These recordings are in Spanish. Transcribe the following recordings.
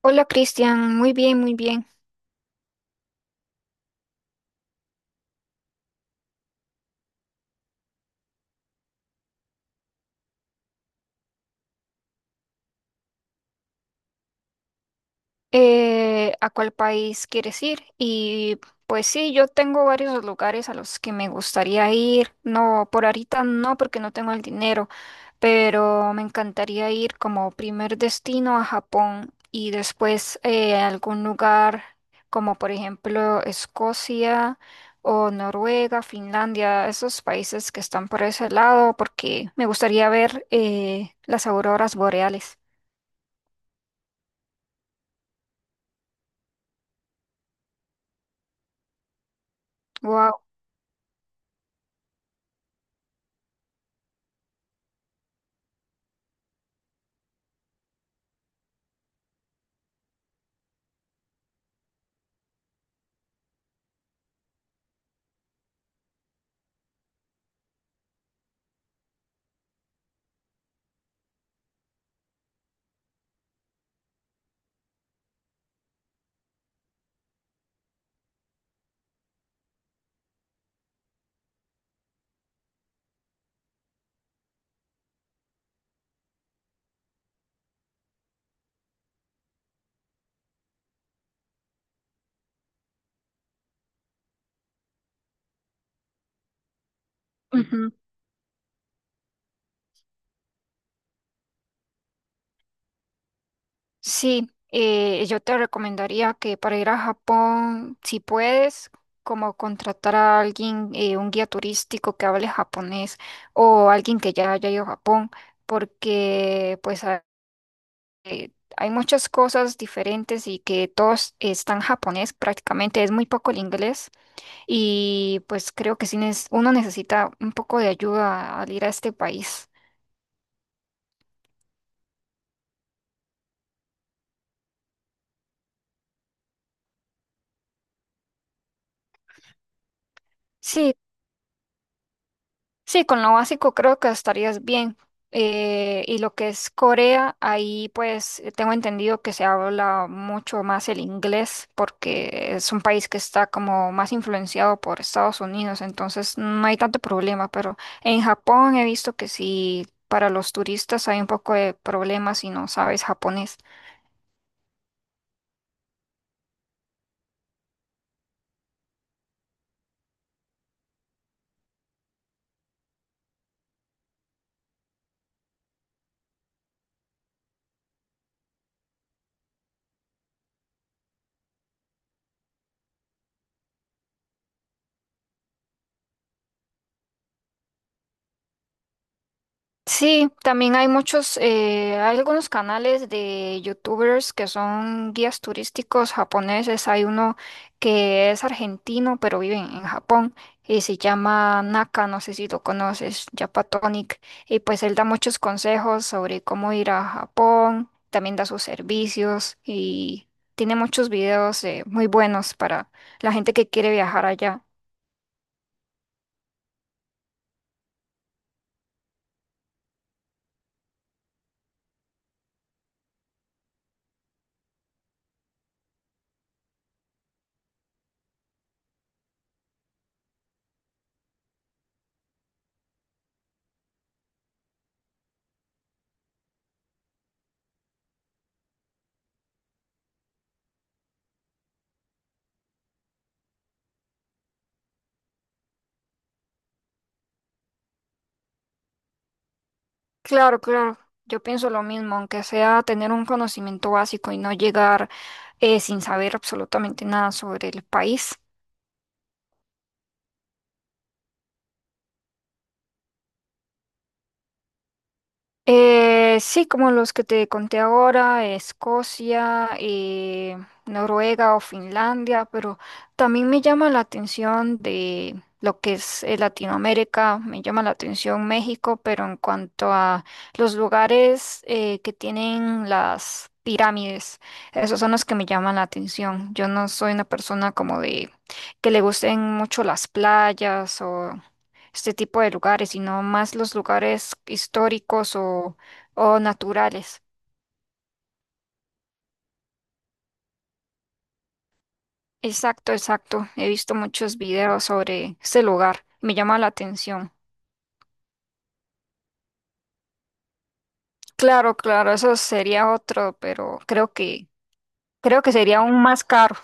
Hola Cristian, muy bien, muy bien. ¿A cuál país quieres ir? Pues sí, yo tengo varios lugares a los que me gustaría ir. No, por ahorita no, porque no tengo el dinero, pero me encantaría ir como primer destino a Japón y después, a algún lugar como por ejemplo Escocia o Noruega, Finlandia, esos países que están por ese lado, porque me gustaría ver las auroras boreales. Wow. Ujú. Sí, yo te recomendaría que para ir a Japón, si puedes, como contratar a alguien, un guía turístico que hable japonés o alguien que ya haya ido a Japón, porque hay muchas cosas diferentes y que todos están japonés prácticamente, es muy poco el inglés y pues creo que uno necesita un poco de ayuda al ir a este país. Sí, sí, con lo básico creo que estarías bien. Y lo que es Corea, ahí pues, tengo entendido que se habla mucho más el inglés porque es un país que está como más influenciado por Estados Unidos, entonces no hay tanto problema, pero en Japón he visto que sí, para los turistas hay un poco de problemas si no sabes japonés. Sí, también hay muchos, hay algunos canales de youtubers que son guías turísticos japoneses. Hay uno que es argentino, pero vive en Japón y se llama Naka, no sé si lo conoces, Japatonic. Y pues él da muchos consejos sobre cómo ir a Japón, también da sus servicios y tiene muchos videos, muy buenos para la gente que quiere viajar allá. Claro, claro. Yo pienso lo mismo, aunque sea tener un conocimiento básico y no llegar sin saber absolutamente nada sobre el país. Sí, como los que te conté ahora, Escocia, Noruega o Finlandia, pero también me llama la atención de lo que es, Latinoamérica. Me llama la atención México, pero en cuanto a los lugares que tienen las pirámides, esos son los que me llaman la atención. Yo no soy una persona como de que le gusten mucho las playas o este tipo de lugares, sino más los lugares históricos o naturales. Exacto, exacto. He visto muchos videos sobre ese lugar. Me llama la atención. Claro, claro, eso sería otro, pero creo que sería aún más caro.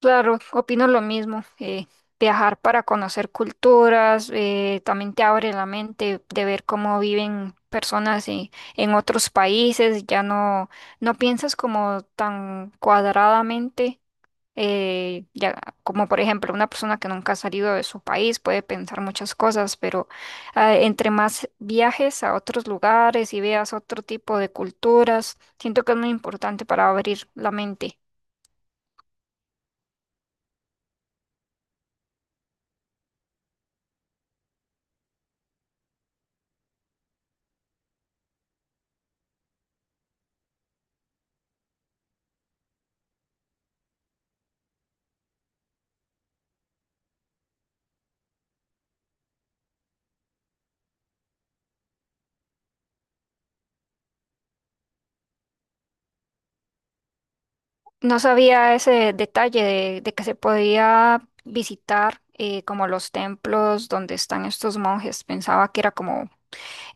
Claro, opino lo mismo. Viajar para conocer culturas, también te abre la mente de ver cómo viven personas en otros países. Ya no, no piensas como tan cuadradamente. Eh, ya, Como por ejemplo, una persona que nunca ha salido de su país puede pensar muchas cosas, pero entre más viajes a otros lugares y veas otro tipo de culturas, siento que es muy importante para abrir la mente. No sabía ese detalle de que se podía visitar, como los templos donde están estos monjes. Pensaba que era como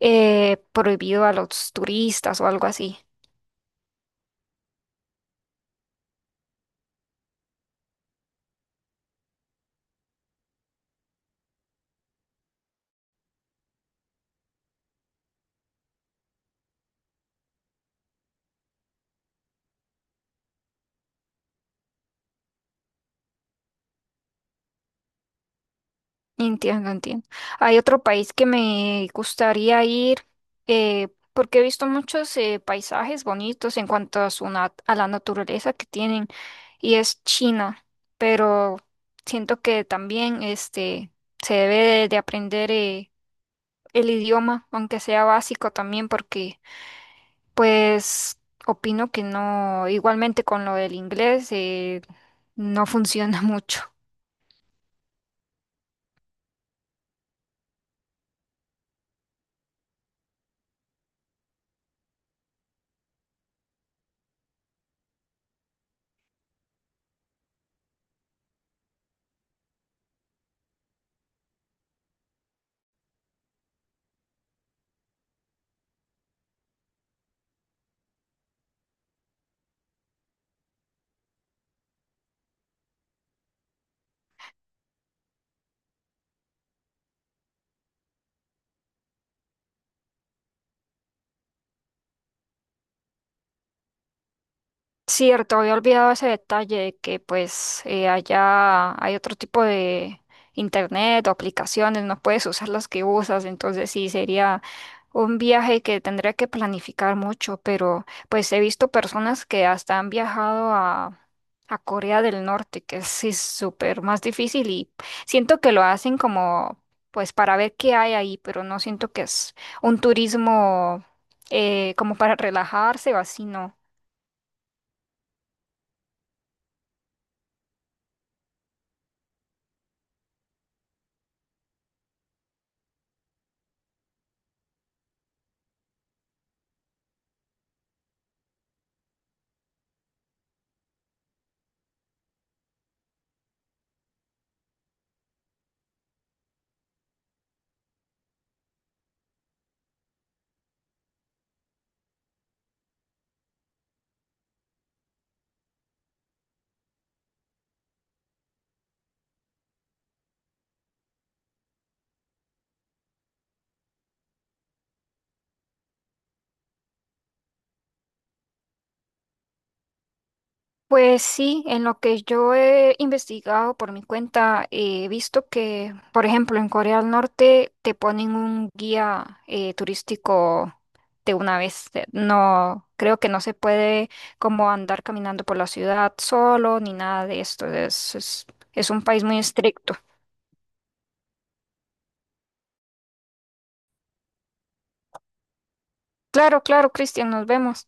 prohibido a los turistas o algo así. Entiendo, entiendo. Hay otro país que me gustaría ir eh, porque he visto muchos paisajes bonitos en cuanto a a la naturaleza que tienen y es China, pero siento que se debe de aprender, el idioma, aunque sea básico también, porque pues opino que no, igualmente con lo del inglés, no funciona mucho. Cierto, había olvidado ese detalle de que pues, allá hay otro tipo de internet o aplicaciones, no puedes usar las que usas, entonces sí sería un viaje que tendría que planificar mucho, pero pues he visto personas que hasta han viajado a Corea del Norte, que es sí, súper más difícil y siento que lo hacen como pues para ver qué hay ahí, pero no siento que es un turismo como para relajarse o así, no. Pues sí, en lo que yo he investigado por mi cuenta, he visto que, por ejemplo, en Corea del Norte te ponen un guía turístico de una vez. No, creo que no se puede como andar caminando por la ciudad solo ni nada de esto. Es un país muy estricto. Claro, claro, Cristian, nos vemos.